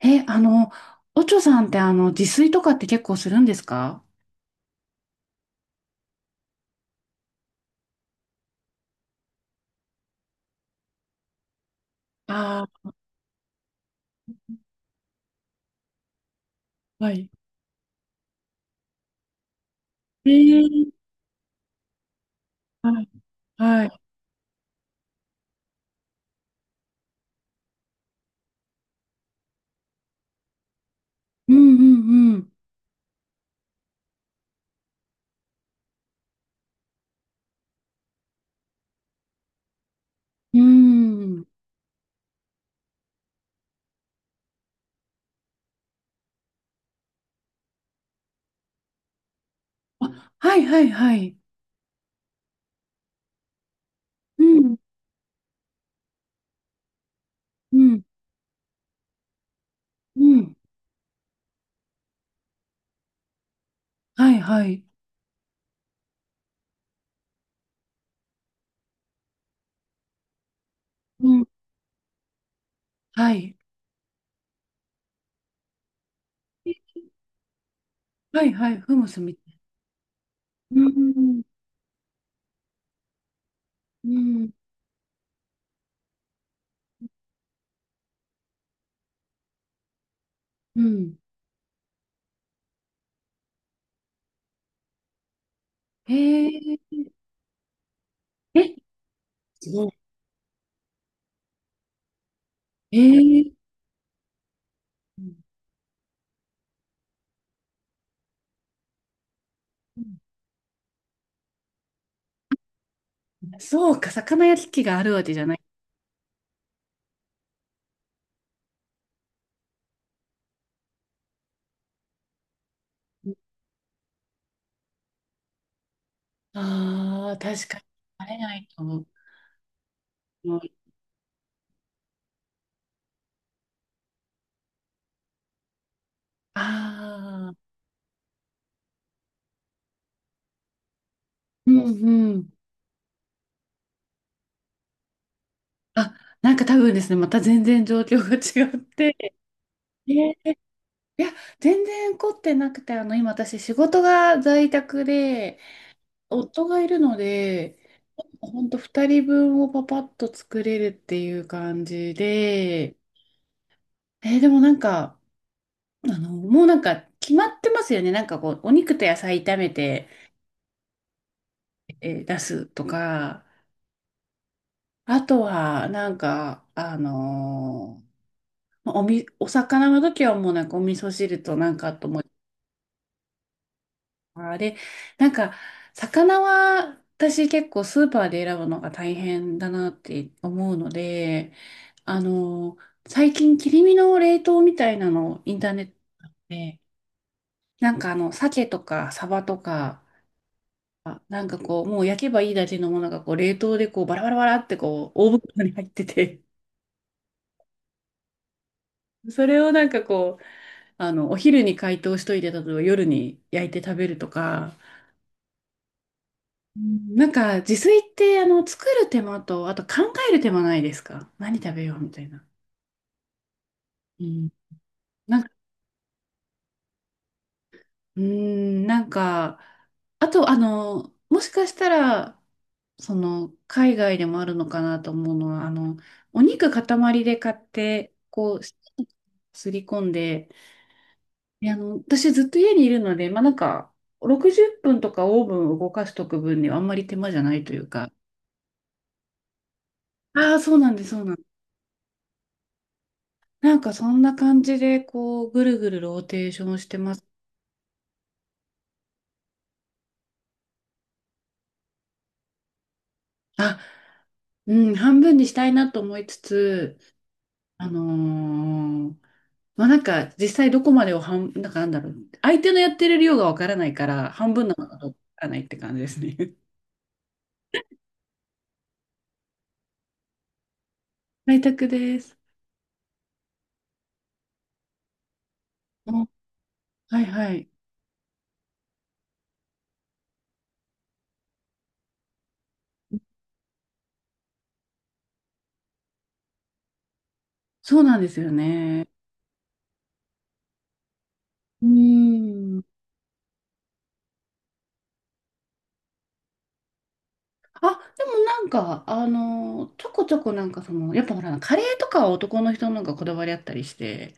え、あの、おちょさんって自炊とかって結構するんですか？ああ、ー、はい。えー、はい、はい。うんうんうん。うん。あ、はいはいはい。うんうんうん。はいはい。うん。はい。え、はいはい。フムスみたい。うんうんうん。へえー。え、すごい。へえー。うん、そうか、魚焼き器があるわけじゃない。ああ、確かに。あれないと思う。ああ、うんうん。あ、なんか多分ですね、また全然状況が違って。ね、いや、全然凝ってなくて、あの、今私仕事が在宅で、夫がいるので、ほんと2人分をパパッと作れるっていう感じで、えー、でもなんか、あの、もうなんか決まってますよね。なんかこう、お肉と野菜炒めて、えー出すとか、あとは、なんか、まあお魚の時はもうなんかお味噌汁となんかと思って、あれ、なんか魚は私結構スーパーで選ぶのが大変だなって思うので、あの、最近切り身の冷凍みたいなのをインターネットで、なんかあの、鮭とかサバとか、あ、なんかこう、もう焼けばいいだけのものがこう、冷凍でこう、バラバラバラってこう、大袋に入ってて、それをなんかこう、あの、お昼に解凍しといて、例えば夜に焼いて食べるとか、うん、なんか自炊ってあの作る手間とあと考える手間ないですか、何食べようみたいな。うん。なんか、うん、なんか、あとあの、もしかしたら、その海外でもあるのかなと思うのは、あの、お肉塊で買って、こう、すり込んで、で、あの、私ずっと家にいるので、まあなんか、60分とかオーブンを動かしとく分にはあんまり手間じゃないというか、ああ、そうなんです、そうなんです。なんかそんな感じで、こう、ぐるぐるローテーションしてます。あ、うん、半分にしたいなと思いつつ、あのーまあなんか実際どこまでをなんかなんだろう、相手のやってる量がわからないから、半分なのかどうかわからないって感じですね。在宅です。お、はいはい。そうなんですよね。うーん。あ、でもなんか、あのーちょこちょこなんかその、やっぱほら、カレーとかは男の人の方がこだわりあったりして、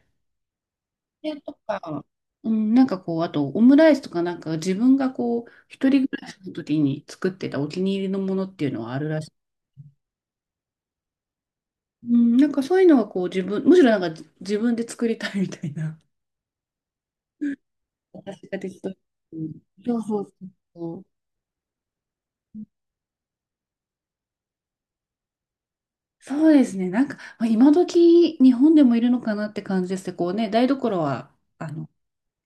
れとか、うん、なんかこう、あとオムライスとかなんか自分がこう、一人暮らしの時に作ってたお気に入りのものっていうのはあるらしい。うん、なんかそういうのはこう自分、むしろなんか自分で作りたいみたいな。私ができた。うん、そうそうそう。そうですね。なんか、まあ、今時日本でもいるのかなって感じですけど、こうね、台所は、あの、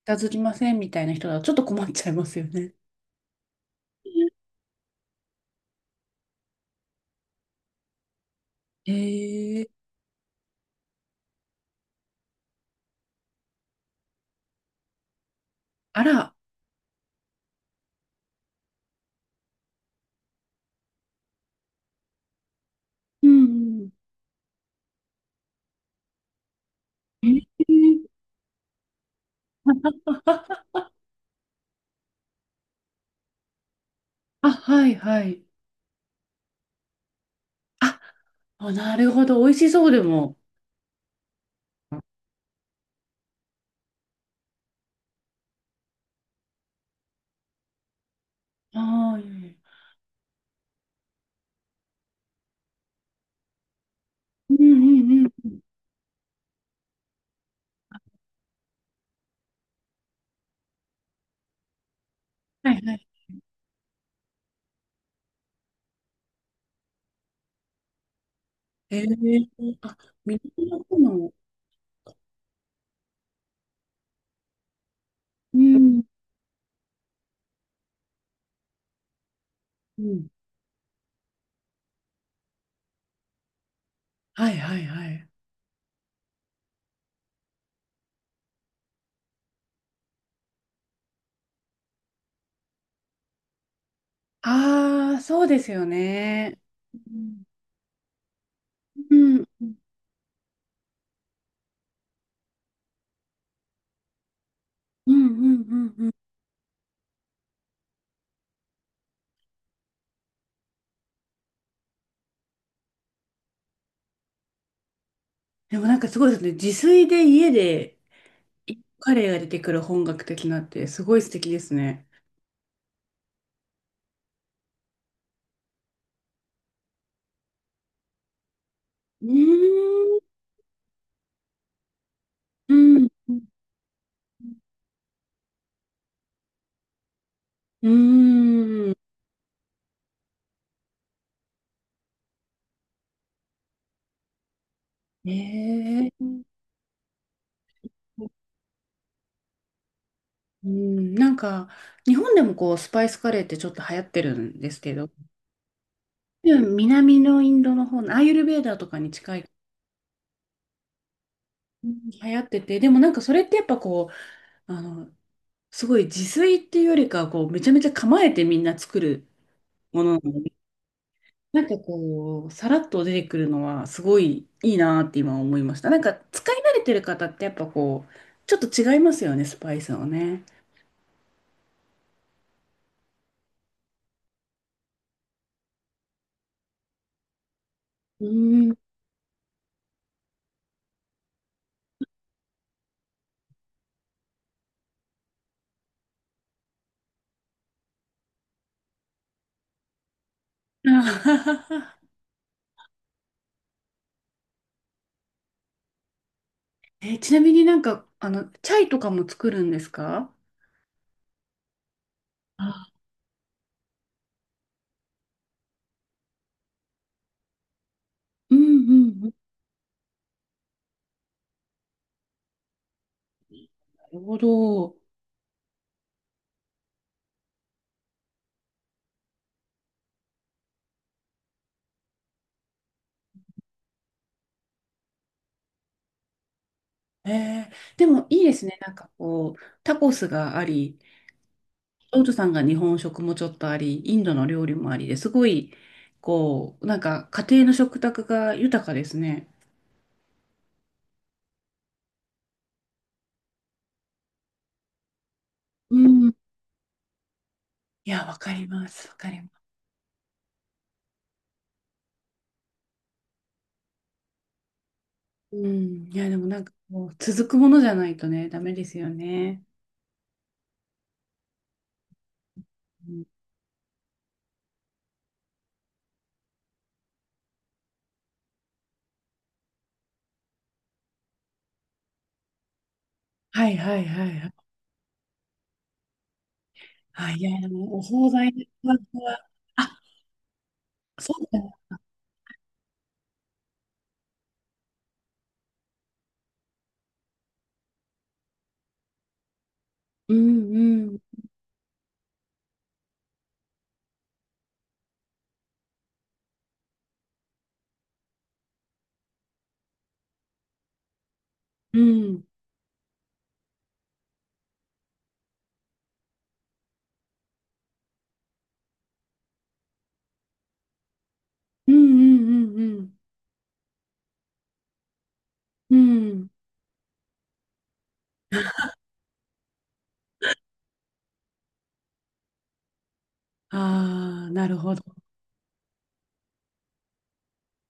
片付きませんみたいな人だとちょっと困っちゃいますよね。えー、あら、うんうん。えー、あ、はいはい。あ、あ、なるほど。美味しそうでも。ああ、いいね。うんうんうんうん。はいはい。ええ、港の方の。うんうん。はいはいはい。ああ、そうですよね。うんうんうんうん。うんうん。でもなんかすごいですね。自炊で家でカレーが出てくる本格的なってすごい素敵ですね。うーん。うん。うーん。ええ、うん、なんか、日本でもこう、スパイスカレーってちょっと流行ってるんですけど、うん、南のインドの方のアーユルベーダーとかに近い、うん、流行ってて、でもなんかそれってやっぱこう、あの、すごい自炊っていうよりかは、こう、めちゃめちゃ構えてみんな作るものなので、なんかこう、さらっと出てくるのは、すごいいいなって今思いました。なんか、使い慣れてる方ってやっぱこう、ちょっと違いますよね、スパイスをね。うん。えー、ちなみになんか、あの、チャイとかも作るんですか？あ、うんうんうん。なるほど。えー、でもいいですね。なんかこう、タコスがあり、オートさんが日本食もちょっとあり、インドの料理もありですごい、こう、なんか家庭の食卓が豊かですね。うん。いや、わかります。わかります。うん。いや、でもなんかこう、続くものじゃないとね、ダメですよね。うん、はいはいはいはい。あ、いや、でもお惣菜は、あ、そうだね。うんうんうんうんうんうんうんうん。ああ、ーなるほど。